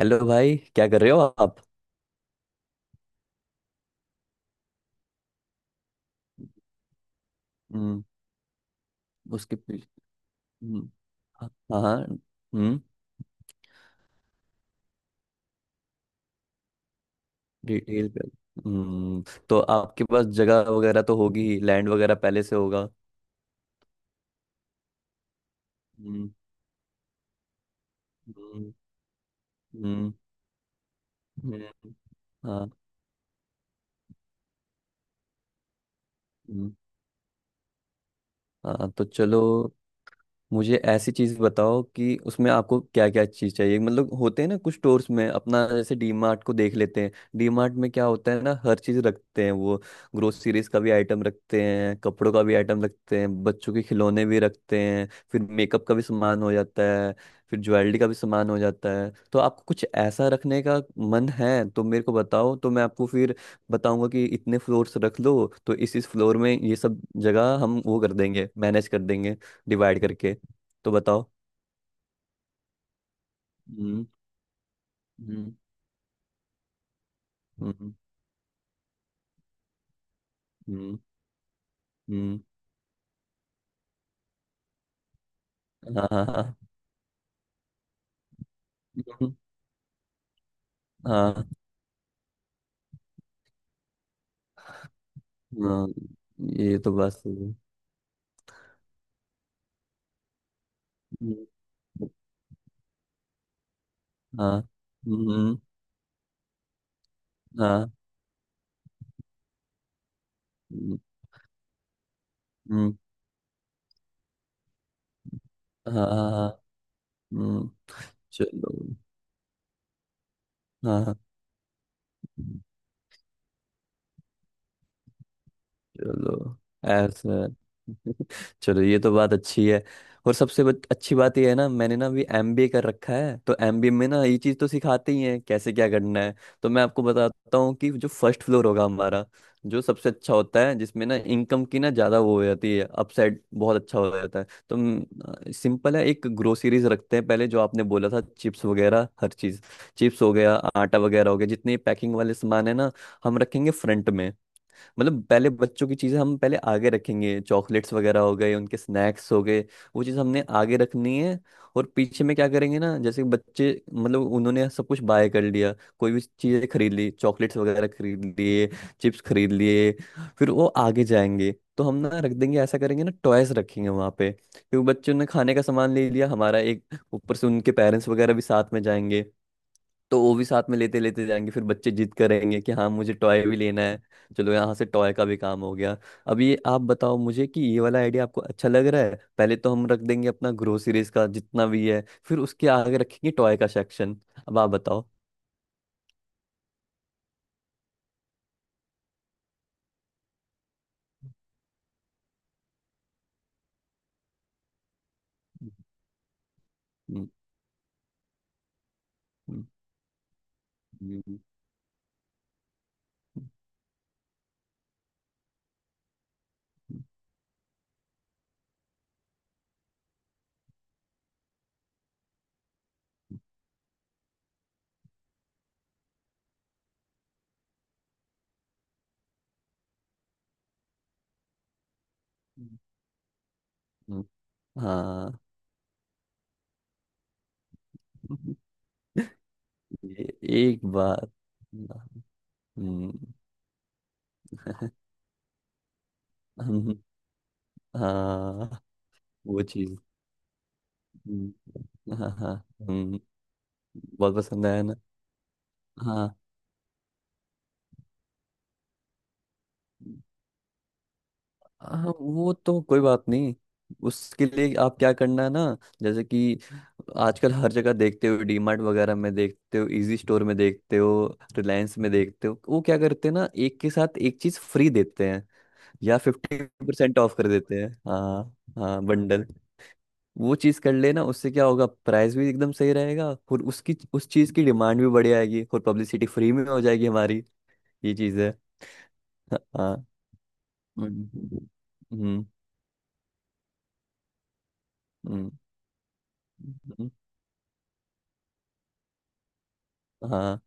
Hello भाई, क्या कर रहे हो आप? हम्म। उसके पीछे। हम्म। हाँ। हाँ। हम्म। डिटेल कर। हम्म। तो आपके पास जगह वगैरह तो होगी, लैंड वगैरह पहले से होगा। हम्म। हम्म। हम्म। हम्म, हाँ। हम्म। हाँ तो चलो, मुझे ऐसी चीज बताओ कि उसमें आपको क्या क्या चीज चाहिए। मतलब होते हैं ना कुछ स्टोर्स में अपना, जैसे डीमार्ट को देख लेते हैं। डीमार्ट में क्या होता है ना, हर चीज रखते हैं वो। ग्रोसरीज का भी आइटम रखते हैं, कपड़ों का भी आइटम रखते हैं, बच्चों के खिलौने भी रखते हैं, फिर मेकअप का भी सामान हो जाता है, फिर ज्वेलरी का भी सामान हो जाता है। तो आपको कुछ ऐसा रखने का मन है तो मेरे को बताओ, तो मैं आपको फिर बताऊंगा कि इतने फ्लोर्स रख लो। तो इस फ्लोर में ये सब जगह हम वो कर देंगे, मैनेज कर देंगे, डिवाइड करके। तो बताओ। हम्म। हम्म। हम्म। हम्म। हम्म, हाँ हाँ हाँ। हम्म। हाँ हाँ, ये तो बात सही है। हम्म, हाँ। हम्म, हाँ। हम्म, हाँ हाँ हाँ। हम्म। चलो। हाँ चलो। ऐसा। चलो ये तो बात अच्छी है। और अच्छी बात ये है ना, मैंने ना अभी एमबीए कर रखा है, तो एमबीए में ना ये चीज़ तो सिखाते ही हैं कैसे क्या करना है। तो मैं आपको बताता हूँ कि जो फर्स्ट फ्लोर होगा हमारा, जो सबसे अच्छा होता है जिसमें ना इनकम की ना ज़्यादा वो हो जाती है, अपसाइड बहुत अच्छा हो जाता है। तो सिंपल है, एक ग्रोसरीज रखते हैं पहले, जो आपने बोला था चिप्स वगैरह हर चीज़, चिप्स हो गया, आटा वगैरह हो गया, जितने पैकिंग वाले सामान है ना, हम रखेंगे फ्रंट में। मतलब पहले बच्चों की चीज़ें हम पहले आगे रखेंगे, चॉकलेट्स वगैरह हो गए, उनके स्नैक्स हो गए, वो चीज़ हमने आगे रखनी है। और पीछे में क्या करेंगे ना, जैसे बच्चे मतलब उन्होंने सब कुछ बाय कर लिया, कोई भी चीज़ें खरीद ली, चॉकलेट्स वगैरह खरीद लिए, चिप्स खरीद लिए, फिर वो आगे जाएंगे, तो हम ना रख देंगे, ऐसा करेंगे ना, टॉयज रखेंगे वहाँ पे, क्योंकि बच्चों ने खाने का सामान ले लिया हमारा एक। ऊपर से उनके पेरेंट्स वगैरह भी साथ में जाएंगे, तो वो भी साथ में लेते लेते जाएंगे, फिर बच्चे जिद करेंगे कि हाँ मुझे टॉय भी लेना है। चलो यहाँ से टॉय का भी काम हो गया। अब ये आप बताओ मुझे कि ये वाला आइडिया आपको अच्छा लग रहा है। पहले तो हम रख देंगे अपना ग्रोसरीज का जितना भी है, फिर उसके आगे रखेंगे टॉय का सेक्शन। अब आप बताओ। हम्म। हम्म। हम्म। हम्म। हम्म। हाँ। ये एक बार। हम्म। हम्म, हाँ। वो चीज। हम्म, हाँ हाँ। हम्म, बहुत पसंद आया ना। हाँ। हाँ वो तो कोई बात नहीं। उसके लिए आप क्या करना है ना, जैसे कि आजकल हर जगह देखते हो, डीमार्ट वगैरह में देखते हो, इजी स्टोर में देखते हो, रिलायंस में देखते हो, वो क्या करते हैं ना, एक के साथ एक चीज फ्री देते हैं या 50% ऑफ कर देते हैं। हाँ। हाँ बंडल। वो चीज कर लेना, उससे क्या होगा, प्राइस भी एकदम सही रहेगा, और उसकी उस चीज की डिमांड भी बढ़ आएगी और पब्लिसिटी फ्री में हो जाएगी हमारी। ये चीज है। हाँ। हम्म। हम्म। हम्म, हाँ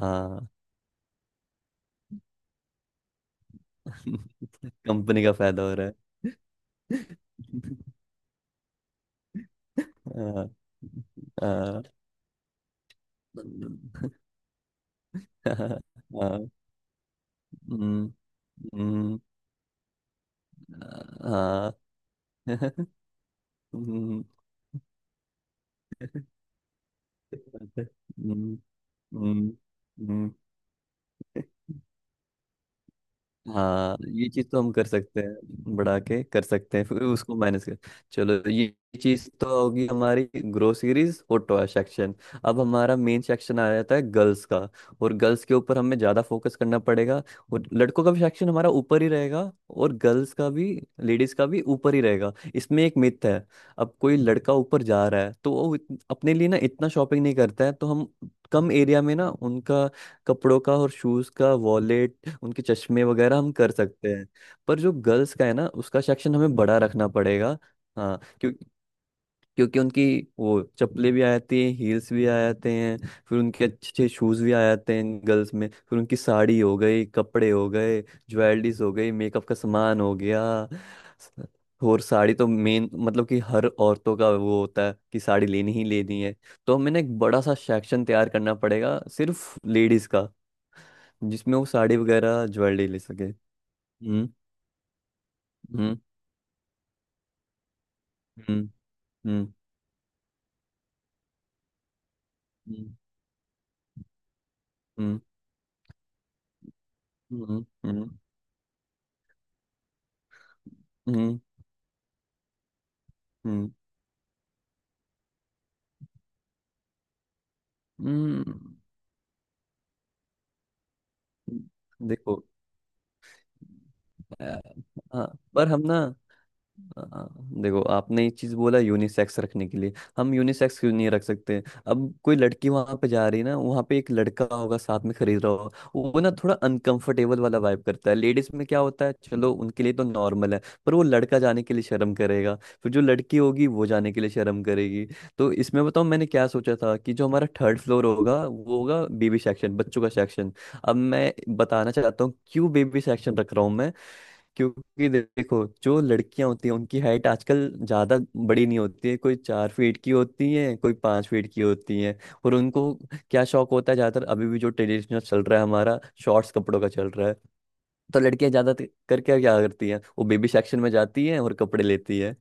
हाँ। कंपनी का फायदा हो रहा है। हाँ। हाँ। हाँ हाँ। हम्म। हम्म, हाँ। हम्म। हम्म। हम्म। हम्म, हाँ। ये चीज तो हम कर सकते हैं, बढ़ा के कर सकते हैं, फिर उसको माइनस कर। चलो, ये चीज तो होगी हमारी ग्रोसरीज और टॉय सेक्शन। अब हमारा मेन सेक्शन आ जाता है गर्ल्स का, और गर्ल्स के ऊपर हमें ज्यादा फोकस करना पड़ेगा। और लड़कों का भी सेक्शन हमारा ऊपर ही रहेगा और गर्ल्स का भी, लेडीज का भी ऊपर ही रहेगा। इसमें एक मिथ है, अब कोई लड़का ऊपर जा रहा है तो वो अपने लिए ना इतना शॉपिंग नहीं करता है, तो हम कम एरिया में ना उनका कपड़ों का और शूज का, वॉलेट, उनके चश्मे वगैरह हम कर सकते हैं। पर जो गर्ल्स का है ना, उसका सेक्शन हमें बड़ा रखना पड़ेगा। हाँ। क्यों? क्योंकि उनकी वो चप्पलें भी आ जाती हैं, हील्स भी आ जाते हैं, फिर उनके अच्छे अच्छे शूज़ भी आ जाते हैं गर्ल्स में, फिर उनकी साड़ी हो गई, कपड़े हो गए, ज्वेलरीज हो गई, मेकअप का सामान हो गया। स- और साड़ी तो मेन, मतलब कि हर औरतों का वो होता है कि साड़ी लेनी ही लेनी है। तो हमें ना एक बड़ा सा सेक्शन तैयार करना पड़ेगा सिर्फ लेडीज़ का, जिसमें वो साड़ी वगैरह ज्वेलरी ले सके। हम्म। हम्म। हम्म। हम्म। हम्म। हम्म। हम्म। हम्म। हम्म। हम्म। देखो, अ, हाँ, पर हम ना, हाँ, देखो, आपने ये चीज बोला यूनिसेक्स रखने के लिए, हम यूनिसेक्स क्यों नहीं रख सकते। अब कोई लड़की वहां पे जा रही है ना, वहां पे एक लड़का होगा साथ में खरीद रहा होगा, वो ना थोड़ा अनकंफर्टेबल वाला वाइब करता है। लेडीज में क्या होता है, चलो उनके लिए तो नॉर्मल है, पर वो लड़का जाने के लिए शर्म करेगा, फिर जो लड़की होगी वो जाने के लिए शर्म करेगी। तो इसमें बताऊँ, मैंने क्या सोचा था कि जो हमारा थर्ड फ्लोर होगा, वो होगा बेबी सेक्शन, बच्चों का सेक्शन। अब मैं बताना चाहता हूँ क्यों बेबी सेक्शन रख रहा हूँ मैं। क्योंकि देखो, जो लड़कियां होती हैं उनकी हाइट आजकल ज्यादा बड़ी नहीं होती है, कोई 4 फीट की होती है, कोई 5 फीट की होती है। और उनको क्या शौक होता है ज्यादातर, अभी भी जो ट्रेडिशनल चल रहा है हमारा, शॉर्ट्स कपड़ों का चल रहा है। तो लड़कियां ज्यादा करके क्या करती हैं, वो बेबी सेक्शन में जाती हैं और कपड़े लेती हैं।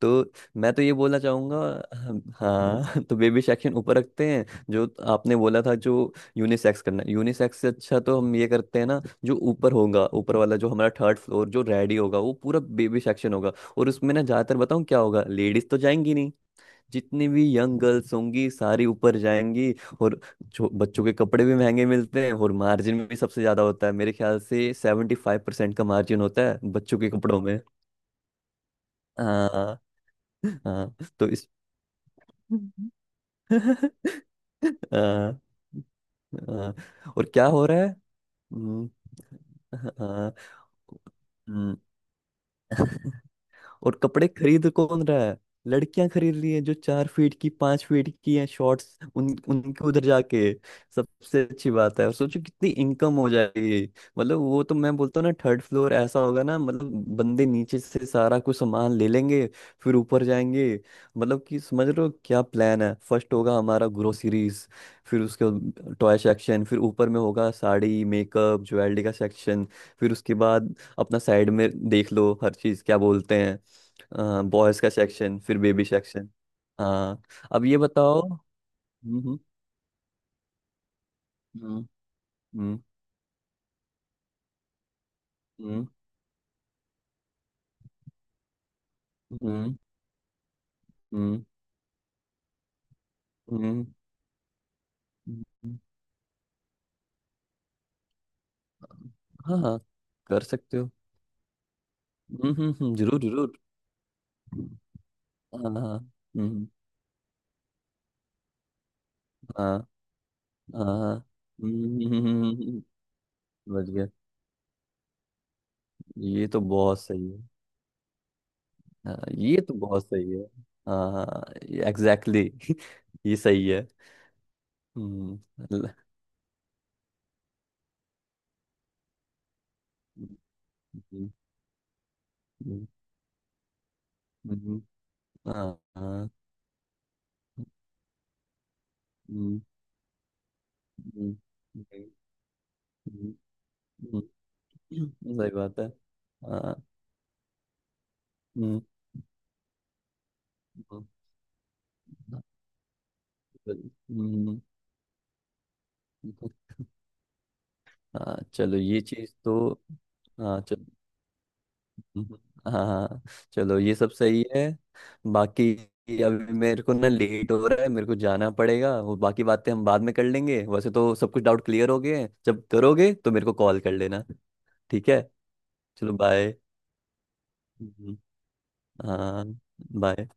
तो मैं तो ये बोलना चाहूंगा। हाँ। तो बेबी सेक्शन ऊपर रखते हैं। जो आपने बोला था, जो यूनिसेक्स करना, यूनिसेक्स से अच्छा तो हम ये करते हैं ना, जो ऊपर होगा, ऊपर वाला जो हमारा थर्ड फ्लोर जो रेडी होगा, वो पूरा बेबी सेक्शन होगा। और उसमें ना ज्यादातर बताऊँ क्या होगा, लेडीज तो जाएंगी नहीं, जितनी भी यंग गर्ल्स होंगी सारी ऊपर जाएंगी। और बच्चों के कपड़े भी महंगे मिलते हैं और मार्जिन भी सबसे ज्यादा होता है, मेरे ख्याल से 75% का मार्जिन होता है बच्चों के कपड़ों में। हाँ। हाँ तो इस, हाँ। हाँ, और क्या हो रहा है। हम्म, हाँ हाँ। हम्म। और कपड़े खरीद कौन रहा है, लड़कियां खरीद रही हैं जो 4 फीट की 5 फीट की हैं, शॉर्ट्स उन उनके उधर जाके। सबसे अच्छी बात है, और सोचो कितनी इनकम हो जाएगी। मतलब वो तो मैं बोलता हूँ ना, थर्ड फ्लोर ऐसा होगा ना, मतलब बंदे नीचे से सारा कुछ सामान ले लेंगे फिर ऊपर जाएंगे। मतलब कि समझ रहे हो क्या प्लान है, फर्स्ट होगा हमारा ग्रोसरीज, फिर उसके टॉय सेक्शन, फिर ऊपर में होगा साड़ी मेकअप ज्वेलरी का सेक्शन, फिर उसके बाद अपना साइड में देख लो हर चीज क्या बोलते हैं, बॉयज का सेक्शन, फिर बेबी सेक्शन। हाँ, अब ये बताओ। हम्म। हम्म। हम्म। हम्म। हम्म। हम्म। हम्म। हम्म। हम्म। हाँ। हाँ कर सकते हो। हम्म। हम्म। जरूर जरूर। हाँ हाँ। हम्म। हाँ हाँ हाँ। हम्म। हम्म। हम्म। हम्म। हम्म। हम्म। समझ गया। ये तो बहुत सही है। हाँ ये तो बहुत सही है। हाँ हाँ, एग्जैक्टली। ये सही है। हम्म, ल- हम्म। हम्म। हम्म। हम्म। हाँ हाँ। हम्म। हम्म। हम्म। हम्म। हम्म। सही बात है। हाँ, हम्म। हम्म। हम्म। हम्म। हाँ, चलो ये चीज तो, हाँ चलो, हाँ हाँ, चलो ये सब सही है। बाकी अभी मेरे को ना लेट हो रहा है, मेरे को जाना पड़ेगा, वो बाकी बातें हम बाद में कर लेंगे, वैसे तो सब कुछ डाउट क्लियर हो गए हैं, जब करोगे तो मेरे को कॉल कर लेना। ठीक है, चलो बाय। हाँ। बाय।